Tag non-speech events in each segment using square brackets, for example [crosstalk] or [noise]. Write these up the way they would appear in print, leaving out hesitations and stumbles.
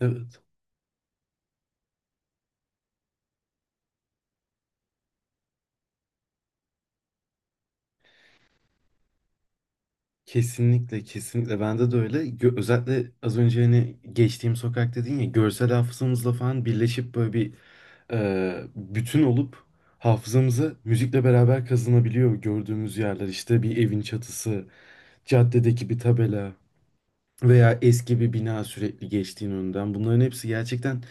Evet. Kesinlikle kesinlikle bende de öyle. Özellikle az önce hani geçtiğim sokak dedin ya, görsel hafızamızla falan birleşip böyle bir bütün olup hafızamıza müzikle beraber kazınabiliyor gördüğümüz yerler. İşte bir evin çatısı, caddedeki bir tabela veya eski bir bina sürekli geçtiğin önünden. Bunların hepsi gerçekten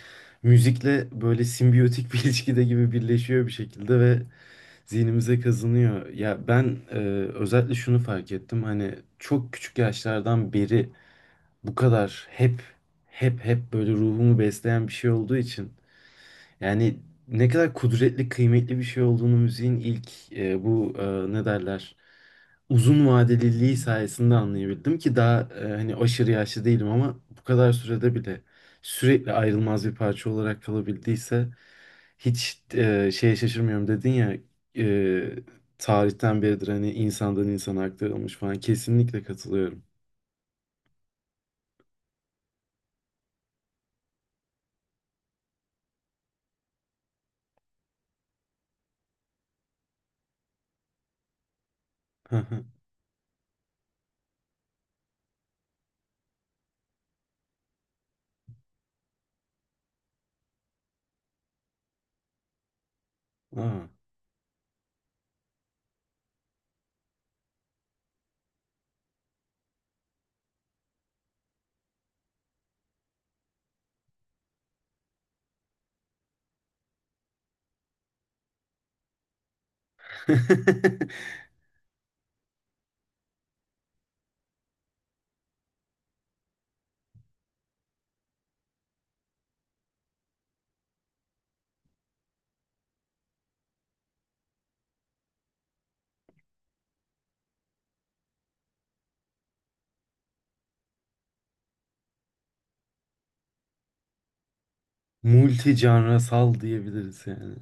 müzikle böyle simbiyotik bir [laughs] ilişkide gibi birleşiyor bir şekilde ve zihnimize kazınıyor. Ya ben özellikle şunu fark ettim. Hani çok küçük yaşlardan beri bu kadar hep böyle ruhumu besleyen bir şey olduğu için, yani ne kadar kudretli, kıymetli bir şey olduğunu müziğin ilk bu ne derler uzun vadeliliği sayesinde anlayabildim ki daha hani aşırı yaşlı değilim ama bu kadar sürede bile sürekli ayrılmaz bir parça olarak kalabildiyse, hiç şeye şaşırmıyorum. Dedin ya, e, tarihten beridir hani insandan insana aktarılmış falan, kesinlikle katılıyorum. [laughs] Aa. [laughs] Multi diyebiliriz yani.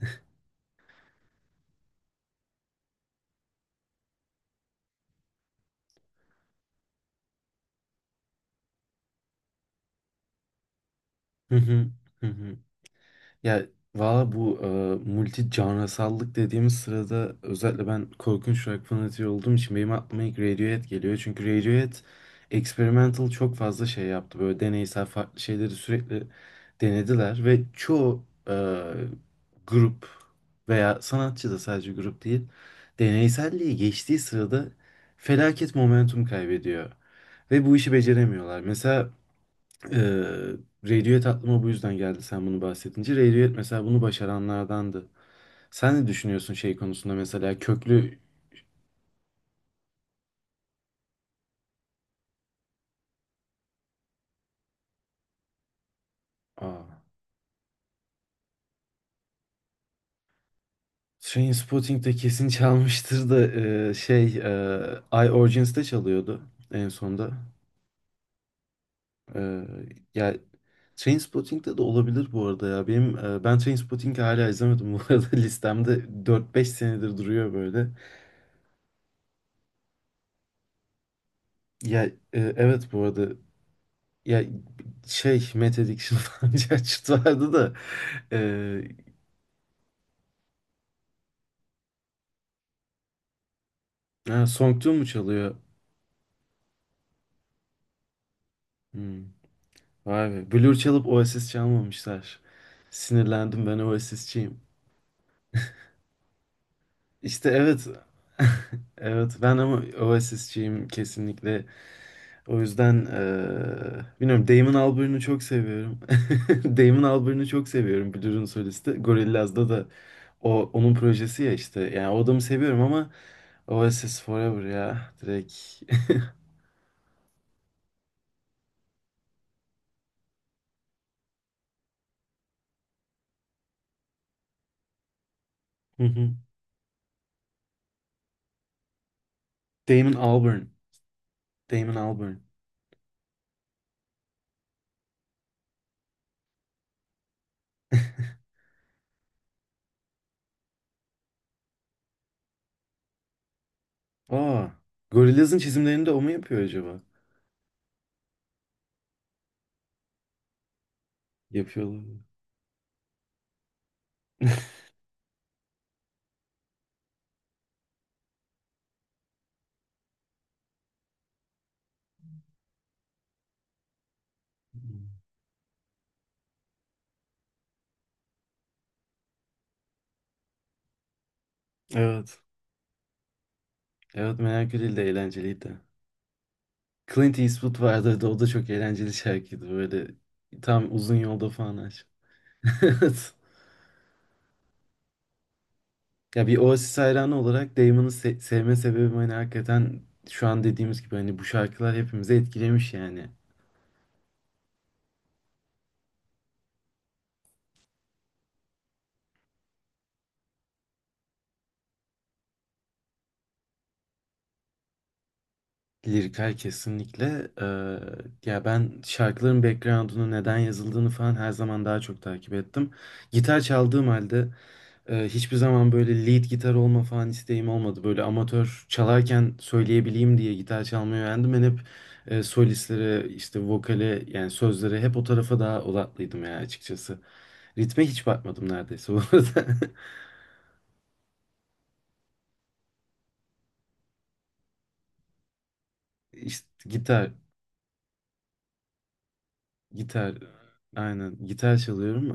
[laughs] Hı hı, hı hı. Ya valla bu multi canrısallık dediğimiz sırada özellikle ben korkunç rock fanatiği olduğum için benim aklıma ilk Radiohead geliyor. Çünkü Radiohead experimental çok fazla şey yaptı. Böyle deneysel farklı şeyleri sürekli denediler ve çoğu e, grup veya sanatçı, da sadece grup değil, deneyselliği geçtiği sırada felaket momentum kaybediyor. Ve bu işi beceremiyorlar. Mesela ee, Radiohead aklıma bu yüzden geldi sen bunu bahsedince. Radiohead mesela bunu başaranlardandı. Sen ne düşünüyorsun şey konusunda, mesela köklü... Aa, Trainspotting'de kesin çalmıştır da şey, I Origins çalıyordu en sonda. E, ya Trainspotting'de de olabilir bu arada ya. Ben Trainspotting'i hala izlemedim bu arada. [laughs] Listemde 4-5 senedir duruyor böyle. Ya evet bu arada. Ya şey Mete Dikşin [laughs] falan diye açıt vardı da e, ha, Song Tune mu çalıyor? Hmm, vay be. Blur çalıp Oasis çalmamışlar. Sinirlendim, ben Oasis'çiyim. İşte evet. [laughs] Evet, ben ama Oasis'çiyim kesinlikle. O yüzden bilmiyorum, Damon Albarn'ı çok seviyorum. [laughs] Damon Albarn'ı çok seviyorum, Blur'un solisti. Gorillaz'da da onun projesi ya işte. Yani o adamı seviyorum ama Oasis Forever ya, direkt. Hı hı. Damon Albarn. Damon Albarn. Aa, Gorillaz'ın çizimlerini de o mu yapıyor acaba? Yapıyorlar. [laughs] Evet. Evet, merak edildi de eğlenceliydi. Clint Eastwood vardı. O da çok eğlenceli şarkıydı. Böyle tam uzun yolda falan aç. [laughs] Evet. Ya bir Oasis hayranı olarak Damon'ı sevme sebebim hani hakikaten şu an dediğimiz gibi, hani bu şarkılar hepimizi etkilemiş yani. Lirikler kesinlikle. Ya ben şarkıların background'unu, neden yazıldığını falan her zaman daha çok takip ettim. Gitar çaldığım halde hiçbir zaman böyle lead gitar olma falan isteğim olmadı. Böyle amatör çalarken söyleyebileyim diye gitar çalmayı öğrendim. Ben hep solistlere, işte vokale, yani sözlere, hep o tarafa daha odaklıydım ya açıkçası. Ritme hiç bakmadım neredeyse bu arada. [laughs] İşte gitar. Gitar. Aynen. Gitar çalıyorum.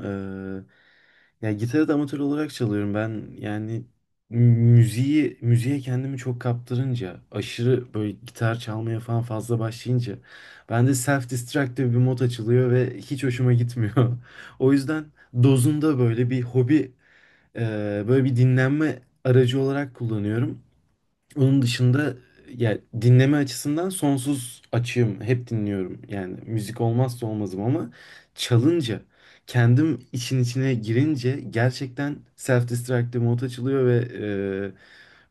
Ya gitarı da amatör olarak çalıyorum. Ben yani müziğe kendimi çok kaptırınca, aşırı böyle gitar çalmaya falan fazla başlayınca bende self-destructive bir mod açılıyor ve hiç hoşuma gitmiyor. [laughs] O yüzden dozunda böyle bir hobi, e, böyle bir dinlenme aracı olarak kullanıyorum. Onun dışında ya dinleme açısından sonsuz açığım. Hep dinliyorum. Yani müzik olmazsa olmazım ama çalınca, kendim işin içine girince gerçekten self-destructive mod açılıyor ve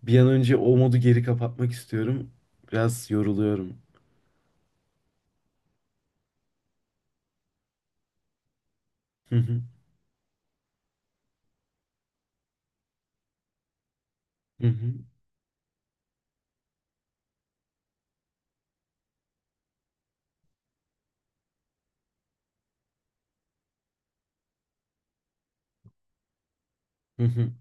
bir an önce o modu geri kapatmak istiyorum. Biraz yoruluyorum. Hı hı. Hı hı. Hı hı.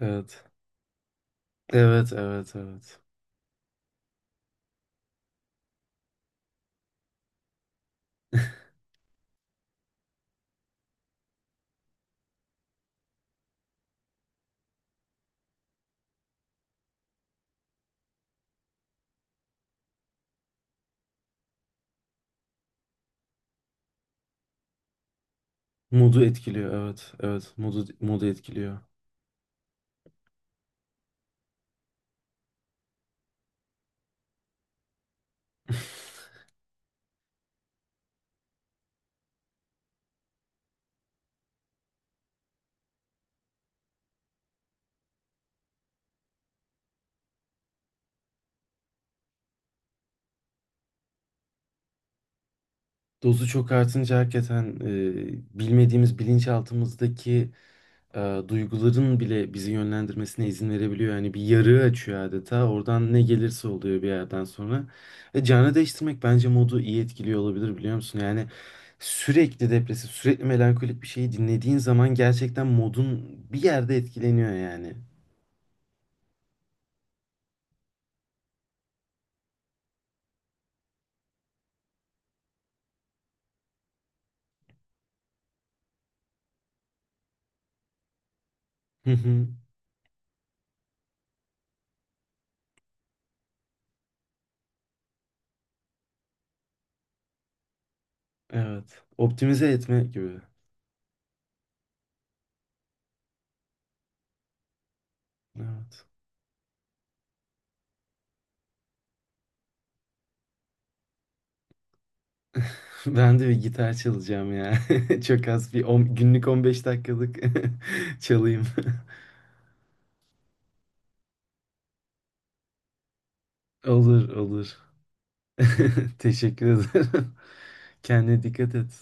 Evet. Evet, evet, evet. Modu etkiliyor. Evet, evet. Modu etkiliyor. [laughs] Dozu çok artınca hakikaten bilmediğimiz, bilinçaltımızdaki duyguların bile bizi yönlendirmesine izin verebiliyor. Yani bir yarığı açıyor adeta. Oradan ne gelirse oluyor bir yerden sonra. Canı değiştirmek bence modu iyi etkiliyor olabilir, biliyor musun? Yani sürekli depresif, sürekli melankolik bir şeyi dinlediğin zaman gerçekten modun bir yerde etkileniyor yani. Hı hı. Evet. Optimize etme gibi. Evet. [laughs] Ben de bir gitar çalacağım ya. [laughs] Çok az bir on, günlük 15 dakikalık [laughs] çalayım. [laughs] Olur olur. [laughs] Teşekkür ederim. [laughs] Kendine dikkat et.